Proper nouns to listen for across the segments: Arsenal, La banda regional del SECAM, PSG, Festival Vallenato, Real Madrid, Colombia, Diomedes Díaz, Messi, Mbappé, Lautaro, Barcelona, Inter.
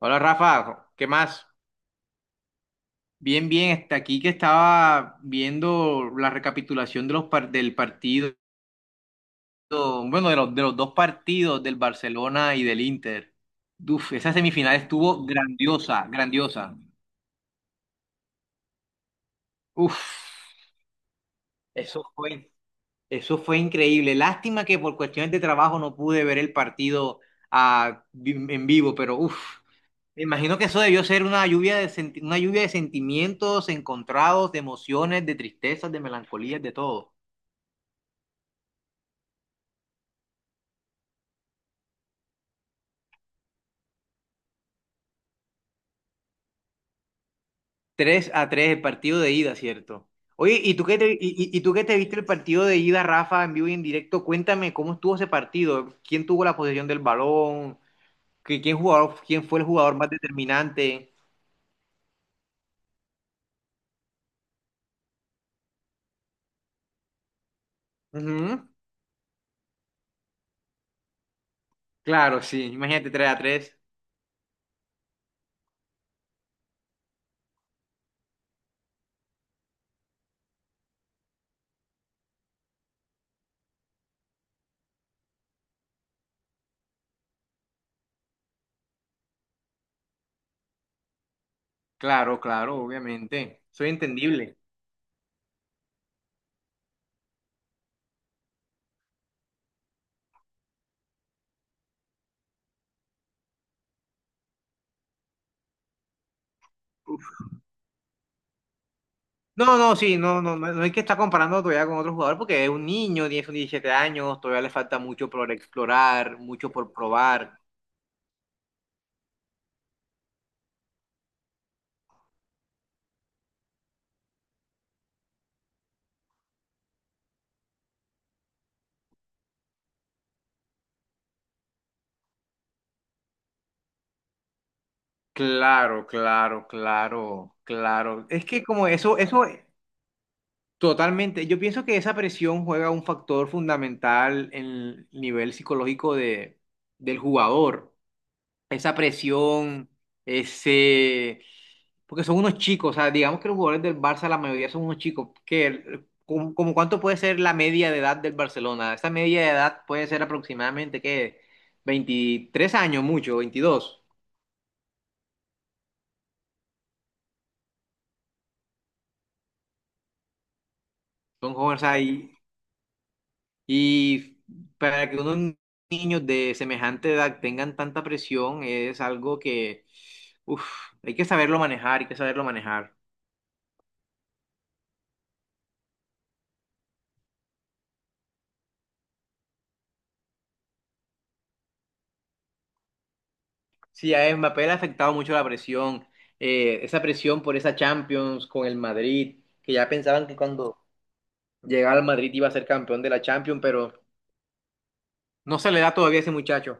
Hola Rafa, ¿qué más? Bien, bien, está aquí que estaba viendo la recapitulación de del partido, bueno, de los dos partidos del Barcelona y del Inter. Uf, esa semifinal estuvo grandiosa, grandiosa. Uf, eso fue, eso fue increíble. Lástima que por cuestiones de trabajo no pude ver el partido en vivo, pero uf. Me imagino que eso debió ser una lluvia de sentimientos encontrados, de emociones, de tristezas, de melancolías, de todo. Tres a 3 el partido de ida, ¿cierto? Oye, ¿y tú qué te viste el partido de ida, Rafa, en vivo y en directo? Cuéntame cómo estuvo ese partido, quién tuvo la posesión del balón, ¿ quién fue el jugador más determinante. Ujú. Claro, sí, imagínate tres a tres. Claro, claro, obviamente. Soy entendible. No, no, sí, no, no, no hay que estar comparando todavía con otro jugador porque es un niño, tiene sus 17 años, todavía le falta mucho por explorar, mucho por probar. Claro, claro, claro, claro. Es que como eso totalmente, yo pienso que esa presión juega un factor fundamental en el nivel psicológico de, del jugador. Esa presión, ese... Porque son unos chicos, o sea, digamos que los jugadores del Barça, la mayoría son unos chicos. Que, como cuánto puede ser la media de edad del Barcelona? Esa media de edad puede ser aproximadamente, ¿qué? 23 años, mucho, 22. Son jóvenes ahí. Y para que unos niños de semejante edad tengan tanta presión es algo que, uf, hay que saberlo manejar, hay que saberlo manejar. Sí, a Mbappé le ha afectado mucho la presión, esa presión por esa Champions con el Madrid, que ya pensaban que cuando llegaba al Madrid iba a ser campeón de la Champions, pero no se le da todavía a ese muchacho.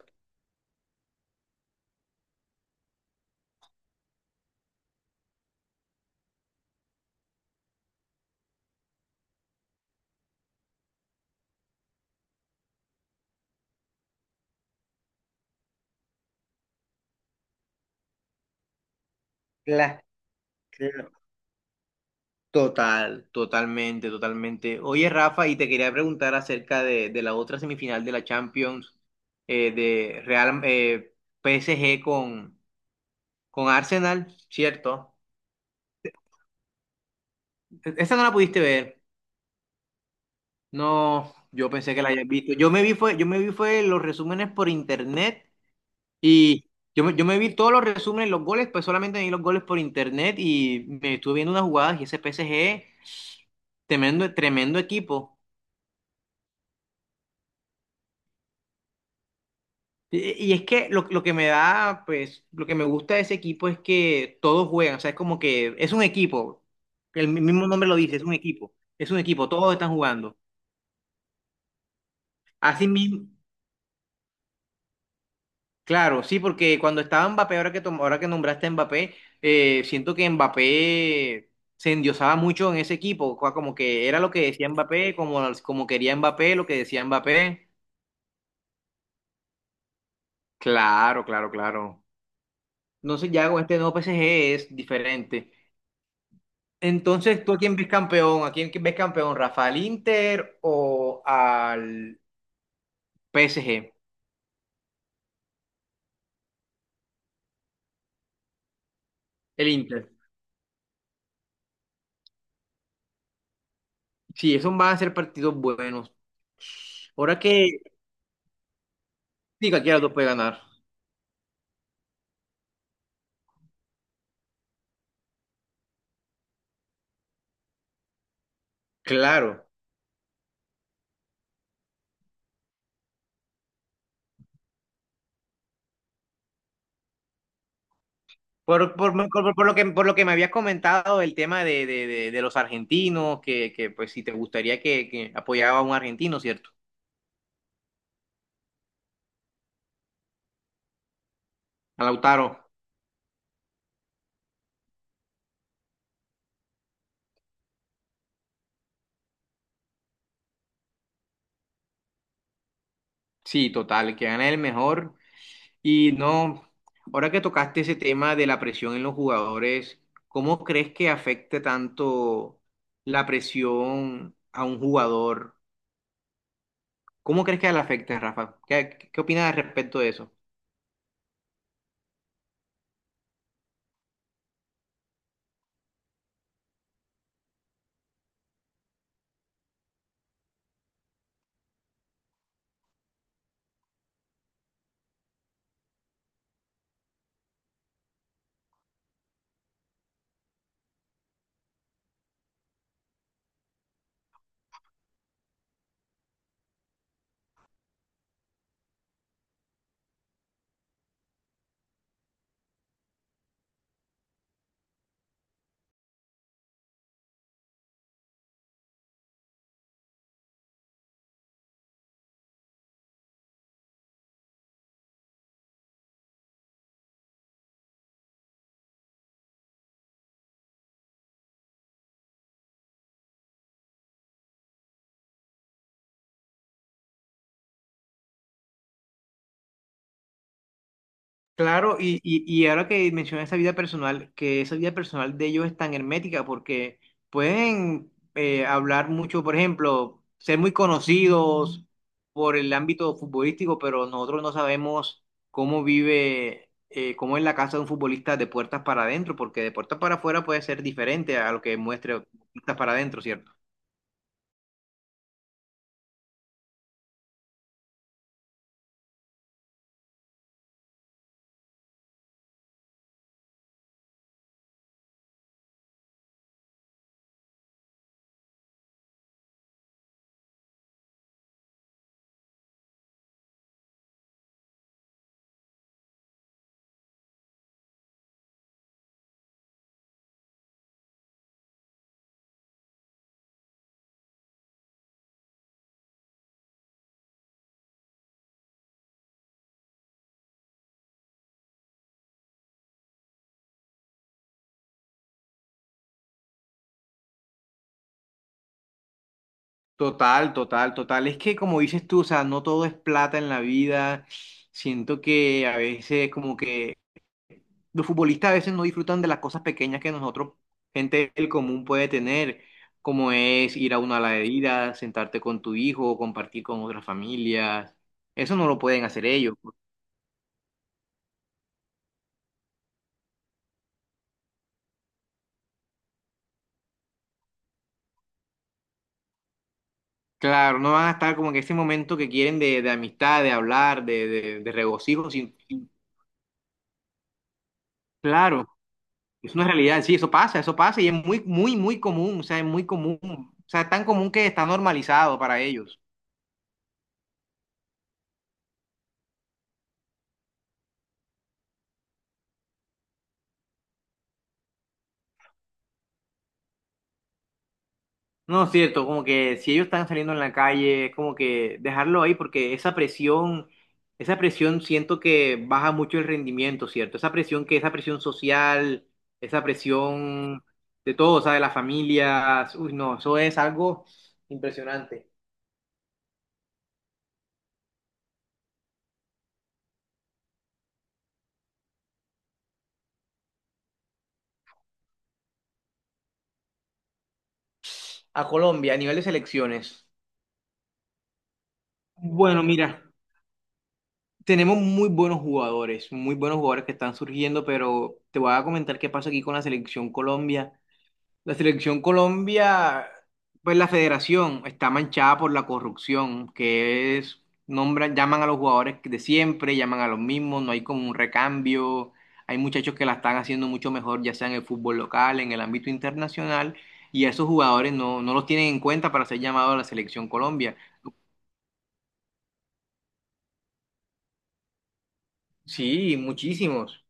La- claro. Total, totalmente, totalmente. Oye, Rafa, y te quería preguntar acerca de la otra semifinal de la Champions, de Real PSG con Arsenal, ¿cierto? Esa no la pudiste ver. No, yo pensé que la hayas visto. Yo me vi fue los resúmenes por internet y yo me vi todos los resúmenes, los goles, pues solamente vi los goles por internet y me estuve viendo unas jugadas y ese PSG, tremendo, tremendo equipo. Y es que lo que me da, pues, lo que me gusta de ese equipo es que todos juegan, o sea, es como que es un equipo, el mismo nombre lo dice, es un equipo, todos están jugando. Así mismo. Claro, sí, porque cuando estaba Mbappé, ahora que nombraste a Mbappé, siento que Mbappé se endiosaba mucho en ese equipo, como que era lo que decía Mbappé, como, como quería Mbappé, lo que decía Mbappé. Claro, claro, claro. Entonces ya con este nuevo PSG es diferente. Entonces, ¿tú a quién ves campeón? ¿A quién ves campeón? ¿Rafael Inter o al PSG? El Inter. Sí, esos van a ser partidos buenos. Ahora que, sí, cualquiera de los dos puede ganar. Claro. Por lo que, por lo que me habías comentado, el tema de, de los argentinos, que, pues si te gustaría que apoyaba a un argentino, ¿cierto? A Lautaro. Sí, total, que gana el mejor. Y no, ahora que tocaste ese tema de la presión en los jugadores, ¿cómo crees que afecte tanto la presión a un jugador? ¿Cómo crees que le afecte, Rafa? ¿Qué, qué opinas al respecto de eso? Claro, y ahora que mencionas esa vida personal, que esa vida personal de ellos es tan hermética porque pueden hablar mucho, por ejemplo, ser muy conocidos por el ámbito futbolístico, pero nosotros no sabemos cómo vive, cómo es la casa de un futbolista de puertas para adentro, porque de puertas para afuera puede ser diferente a lo que muestre puertas para adentro, ¿cierto? Total, total, total. Es que como dices tú, o sea, no todo es plata en la vida. Siento que a veces como que los futbolistas a veces no disfrutan de las cosas pequeñas que nosotros, gente del común, puede tener, como es ir a una ladería, sentarte con tu hijo, compartir con otras familias. Eso no lo pueden hacer ellos. Claro, no van a estar como en ese momento que quieren de amistad, de hablar, de regocijo. Claro, es una realidad, sí, eso pasa y es muy, muy, muy común, o sea, es muy común, o sea, es tan común que está normalizado para ellos. No, cierto, como que si ellos están saliendo en la calle, es como que dejarlo ahí porque esa presión siento que baja mucho el rendimiento, ¿cierto? Esa presión que, esa presión social, esa presión de todo, o sea, de las familias, uy, no, eso es algo impresionante. A Colombia, a nivel de selecciones, bueno, mira, tenemos muy buenos jugadores que están surgiendo, pero te voy a comentar qué pasa aquí con la selección Colombia. La selección Colombia, pues la federación está manchada por la corrupción, que es, nombran, llaman a los jugadores de siempre, llaman a los mismos, no hay como un recambio, hay muchachos que la están haciendo mucho mejor, ya sea en el fútbol local, en el ámbito internacional, y a esos jugadores no los tienen en cuenta para ser llamados a la selección Colombia. Sí, muchísimos.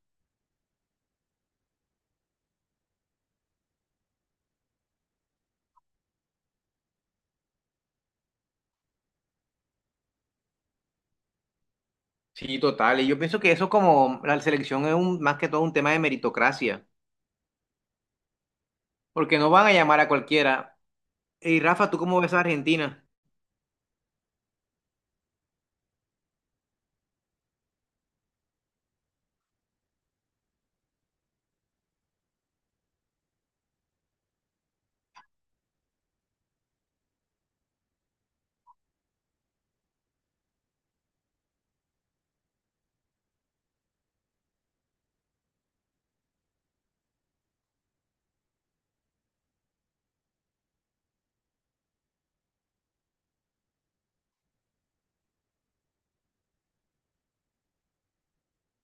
Sí, total. Y yo pienso que eso como la selección es un, más que todo un tema de meritocracia, porque no van a llamar a cualquiera. Y Rafa, ¿tú cómo ves a Argentina?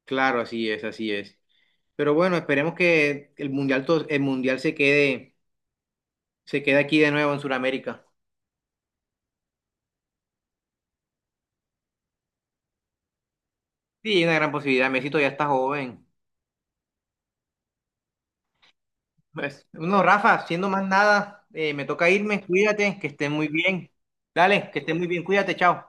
Claro, así es, así es. Pero bueno, esperemos que el mundial, el mundial se quede aquí de nuevo en Sudamérica. Sí, hay una gran posibilidad. Messi ya está joven. Pues, no, Rafa, siendo más nada, me toca irme. Cuídate, que estés muy bien. Dale, que estés muy bien. Cuídate, chao.